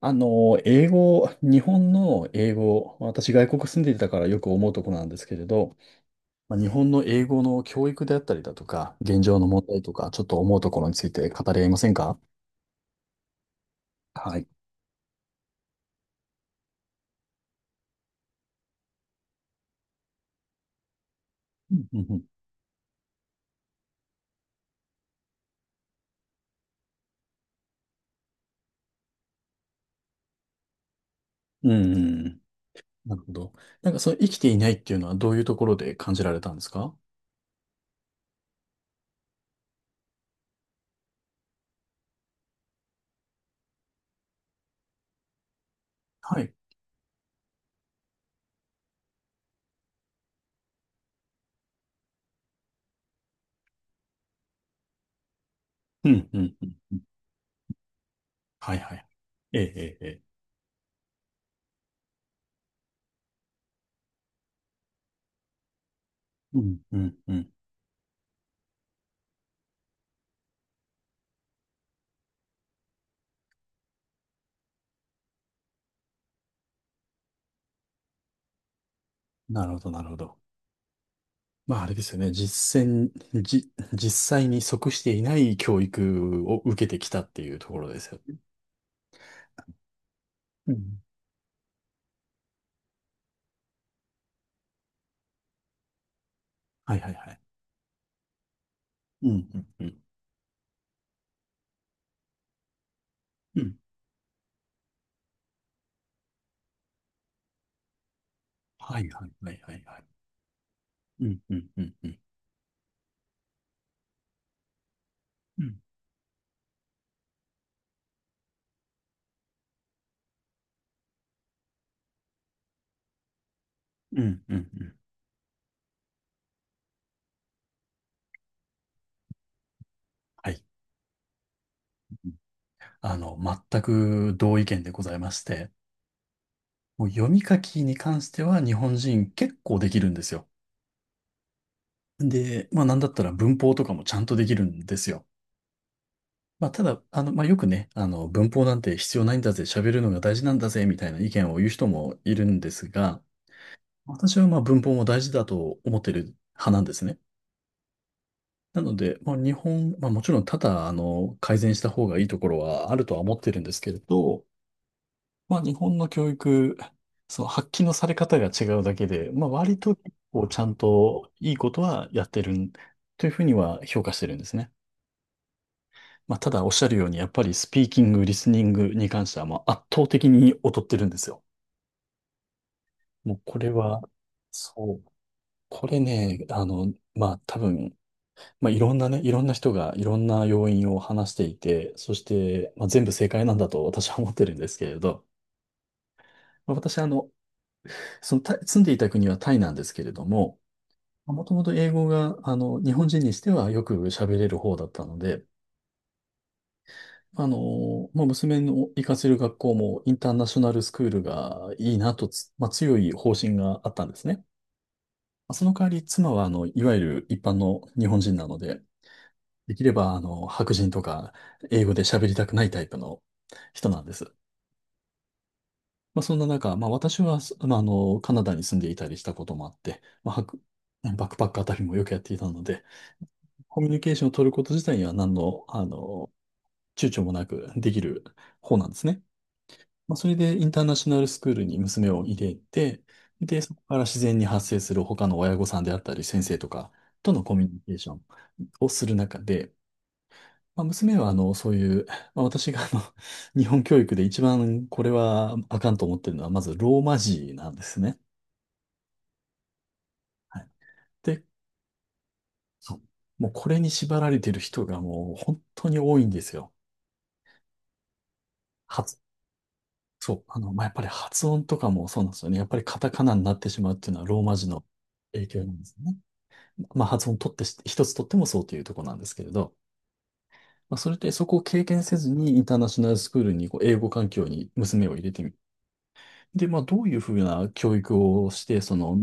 英語、日本の英語、私外国住んでいたからよく思うところなんですけれど、日本の英語の教育であったりだとか、現状の問題とか、ちょっと思うところについて語り合いませんか？はい。うんうんうん。うん、なるほど。なんかその生きていないっていうのはどういうところで感じられたんですか？はい。うんうんうん。はいはい。ええええ。ええ、うんうんうん。なるほどなるほど。あれですよね。実践、じ、実際に即していない教育を受けてきたっていうところですよね。うん。はいはいはい。うん、うん、うん。うん。はいはいはいはいはい。うん、うん、うん、うん。うん、うん、うん。うん、はい。あの、全く同意見でございまして、もう読み書きに関しては日本人結構できるんですよ。で、なんだったら文法とかもちゃんとできるんですよ。ただ、よくね、文法なんて必要ないんだぜ、喋るのが大事なんだぜ、みたいな意見を言う人もいるんですが、私は文法も大事だと思ってる派なんですね。なので、まあ、日本、まあ、もちろん多々、改善した方がいいところはあるとは思ってるんですけれど、日本の教育、その発揮のされ方が違うだけで、割と、こう、ちゃんといいことはやってるんというふうには評価してるんですね。ただおっしゃるように、やっぱりスピーキング、リスニングに関しては、圧倒的に劣ってるんですよ。もうこれは、そう、これね、多分、いろんなね、いろんな人がいろんな要因を話していて、そして、全部正解なんだと私は思ってるんですけれど、私、あの、そのタイ、住んでいた国はタイなんですけれども、もともと英語が、日本人にしてはよく喋れる方だったので、娘の行かせる学校もインターナショナルスクールがいいなとつ、まあ、強い方針があったんですね。その代わり妻は、いわゆる一般の日本人なので、できれば、白人とか英語で喋りたくないタイプの人なんです。そんな中、私は、すまあ、あの、カナダに住んでいたりしたこともあって、バックパックあたりもよくやっていたので、コミュニケーションを取ること自体には何の、躊躇もなくできる方なんですね。それでインターナショナルスクールに娘を入れて、で、そこから自然に発生する他の親御さんであったり、先生とかとのコミュニケーションをする中で、娘はそういう、私が日本教育で一番これはあかんと思ってるのは、まずローマ字なんですね。はい。で、そう、もうこれに縛られてる人がもう本当に多いんですよ。発、そう、やっぱり発音とかもそうなんですよね。やっぱりカタカナになってしまうっていうのはローマ字の影響なんですね。まあ、発音取ってし、一つ取ってもそうというところなんですけれど、それでそこを経験せずにインターナショナルスクールにこう英語環境に娘を入れてみ。で、どういうふうな教育をして、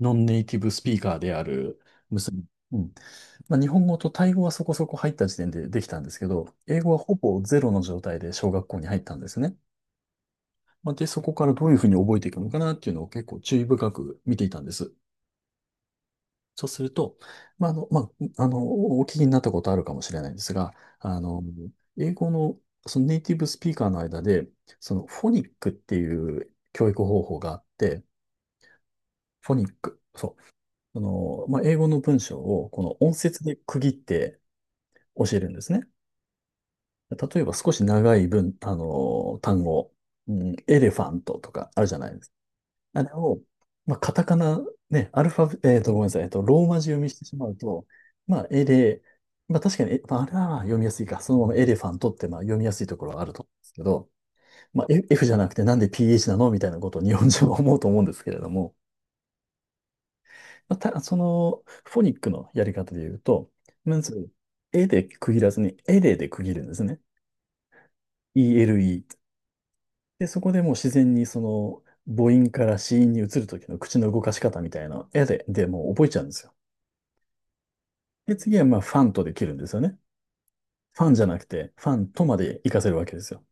ノンネイティブスピーカーである娘、うん。日本語とタイ語はそこそこ入った時点でできたんですけど、英語はほぼゼロの状態で小学校に入ったんですね。で、そこからどういうふうに覚えていくのかなっていうのを結構注意深く見ていたんです。そうすると、まあ、あの、まあ、あの、お聞きになったことあるかもしれないんですが、あの、英語の、そのネイティブスピーカーの間で、そのフォニックっていう教育方法があって、フォニック、そう、英語の文章をこの音節で区切って教えるんですね。例えば少し長い文、あの、単語、うん、エレファントとかあるじゃない？あれを、まあ、カタカナ、ね、アルファベ、えっと、ごめんなさい、ローマ字読みしてしまうと、まあ、エレ、まあ、確かに、えまあ、あれは読みやすいか、そのままエレファントって、読みやすいところはあると思うんですけど、F F じゃなくてなんで PH なのみたいなことを日本人は思うと思うんですけれども、まあ、た、その、フォニックのやり方で言うと、まず、エで区切らずに、エレで区切るんですね。ELE。で、そこでもう自然に母音から子音に移るときの口の動かし方みたいな、エレでもう覚えちゃうんですよ。で、次はファンとで切るんですよね。ファンじゃなくて、ファンとまで活かせるわけですよ。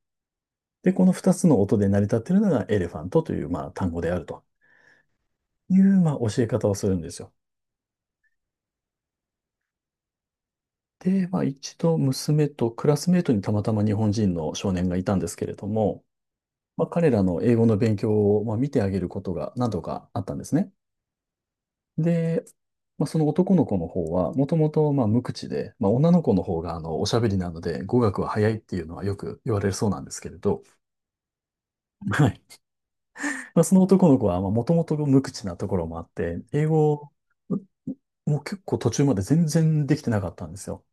で、この二つの音で成り立っているのがエレファントという単語であるという教え方をするんですよ。で、一度娘とクラスメートにたまたま日本人の少年がいたんですけれども、彼らの英語の勉強を見てあげることが何度かあったんですね。で、その男の子の方は、もともと無口で、女の子の方がおしゃべりなので語学は早いっていうのはよく言われるそうなんですけれど、はい。その男の子は、もともと無口なところもあって、英語もう結構途中まで全然できてなかったんですよ。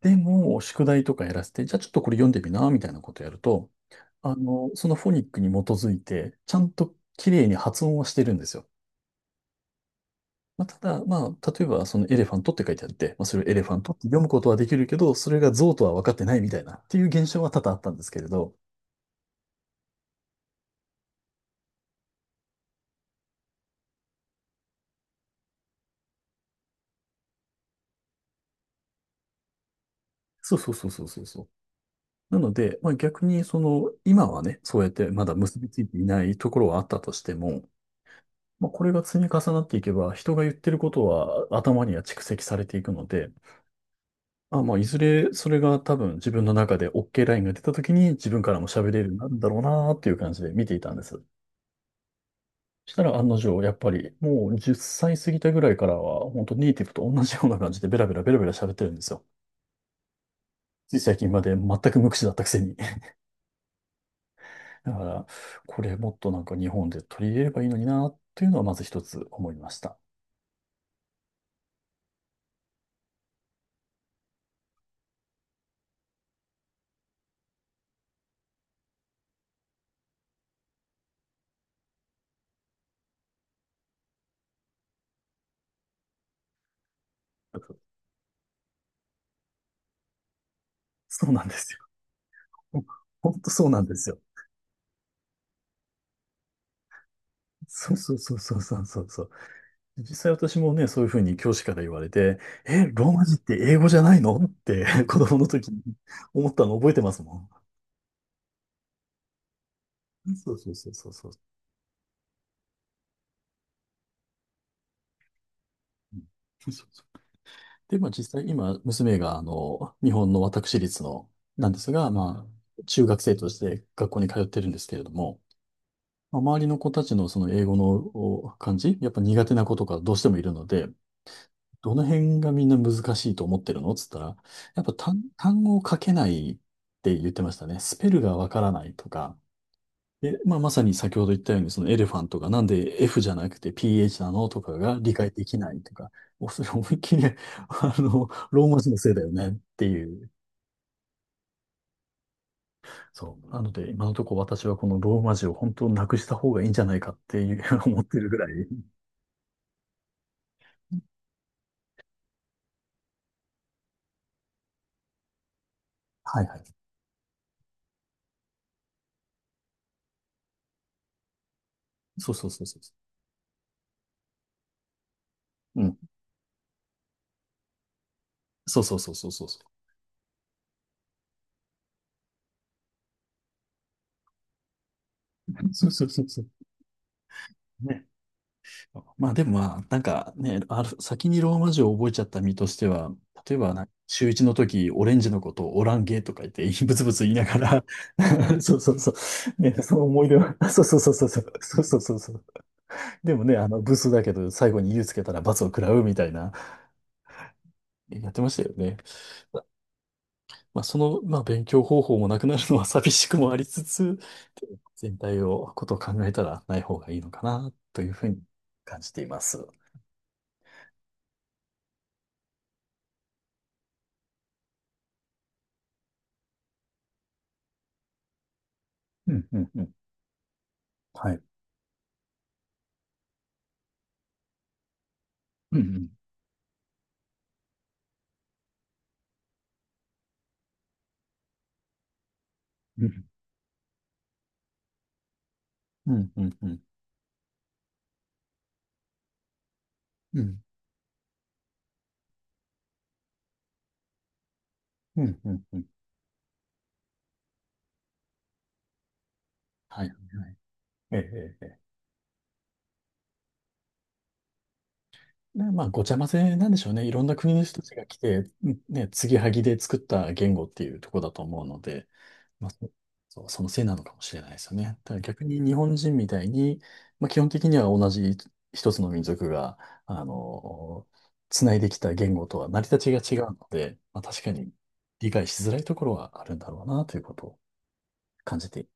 でも、宿題とかやらせて、じゃあちょっとこれ読んでみな、みたいなことやると、そのフォニックに基づいて、ちゃんと綺麗に発音はしてるんですよ。ただ、例えば、そのエレファントって書いてあって、それをエレファントって読むことはできるけど、それが象とは分かってないみたいな、っていう現象は多々あったんですけれど、そうそうそうそうそう。なので、逆に今はね、そうやってまだ結びついていないところはあったとしても、これが積み重なっていけば、人が言ってることは頭には蓄積されていくので、いずれそれが多分自分の中で OK ラインが出た時に自分からも喋れるようになるんだろうなっていう感じで見ていたんです。そしたら案の定、やっぱりもう10歳過ぎたぐらいからは、本当ネイティブと同じような感じでベラベラベラベラ喋ってるんですよ。つい最近まで全く無口だったくせに。だから、これもっとなんか日本で取り入れればいいのになっていうのはまず一つ思いました。そうなんですよ。ほんとそうなんですよ。そうそうそうそうそうそうそう。実際私もね、そういうふうに教師から言われて、え、ローマ字って英語じゃないのって 子供の時に思ったの覚えてますもん。そうそうそうそうそう。うん、そうそう。で、まあ実際今、娘が日本の私立の、なんですが、まあ、中学生として学校に通ってるんですけれども、まあ、周りの子たちのその英語のお漢字、やっぱ苦手な子とかどうしてもいるので、どの辺がみんな難しいと思ってるのつったら、やっぱ単語を書けないって言ってましたね。スペルがわからないとか。で、まあ、まさに先ほど言ったように、そのエレファントがなんで F じゃなくて PH なのとかが理解できないとか、もうそれ思いっきり、ローマ字のせいだよねっていう。そう。なので、今のところ私はこのローマ字を本当なくした方がいいんじゃないかっていう 思ってるぐらい。はいはい。そうそうそうそう。うん。そうそうそうそうそう。そうそうそうそう。ね。まあでもまあ、なんかね、先にローマ字を覚えちゃった身としては、例えばなんか中1の時、オレンジのことをオランゲーとか言って、ブツブツ言いながら そうそうそう。ね、その思い出は、そうそうそうそうそう、そうそうそうそう。でもね、ブスだけど、最後に U つけたら罰を食らうみたいな、やってましたよね。まあ、まあ、勉強方法もなくなるのは寂しくもありつつ、全体を、ことを考えたらない方がいいのかな、というふうに感じています。うん、うん、うん。はい。うん、うん、うん、うん、うん、うん、うん、うん、うん。はい、はい、はい。ええ、ええ。ええ。で、まあ、ごちゃ混ぜなんでしょうね。いろんな国の人たちが来て、うんね、継ぎはぎで作った言語っていうところだと思うので、まあ、そう、そのせいなのかもしれないですよね。ただ逆に日本人みたいに、まあ、基本的には同じ一つの民族が、あの、つないできた言語とは成り立ちが違うので、まあ、確かに理解しづらいところはあるんだろうなということを感じて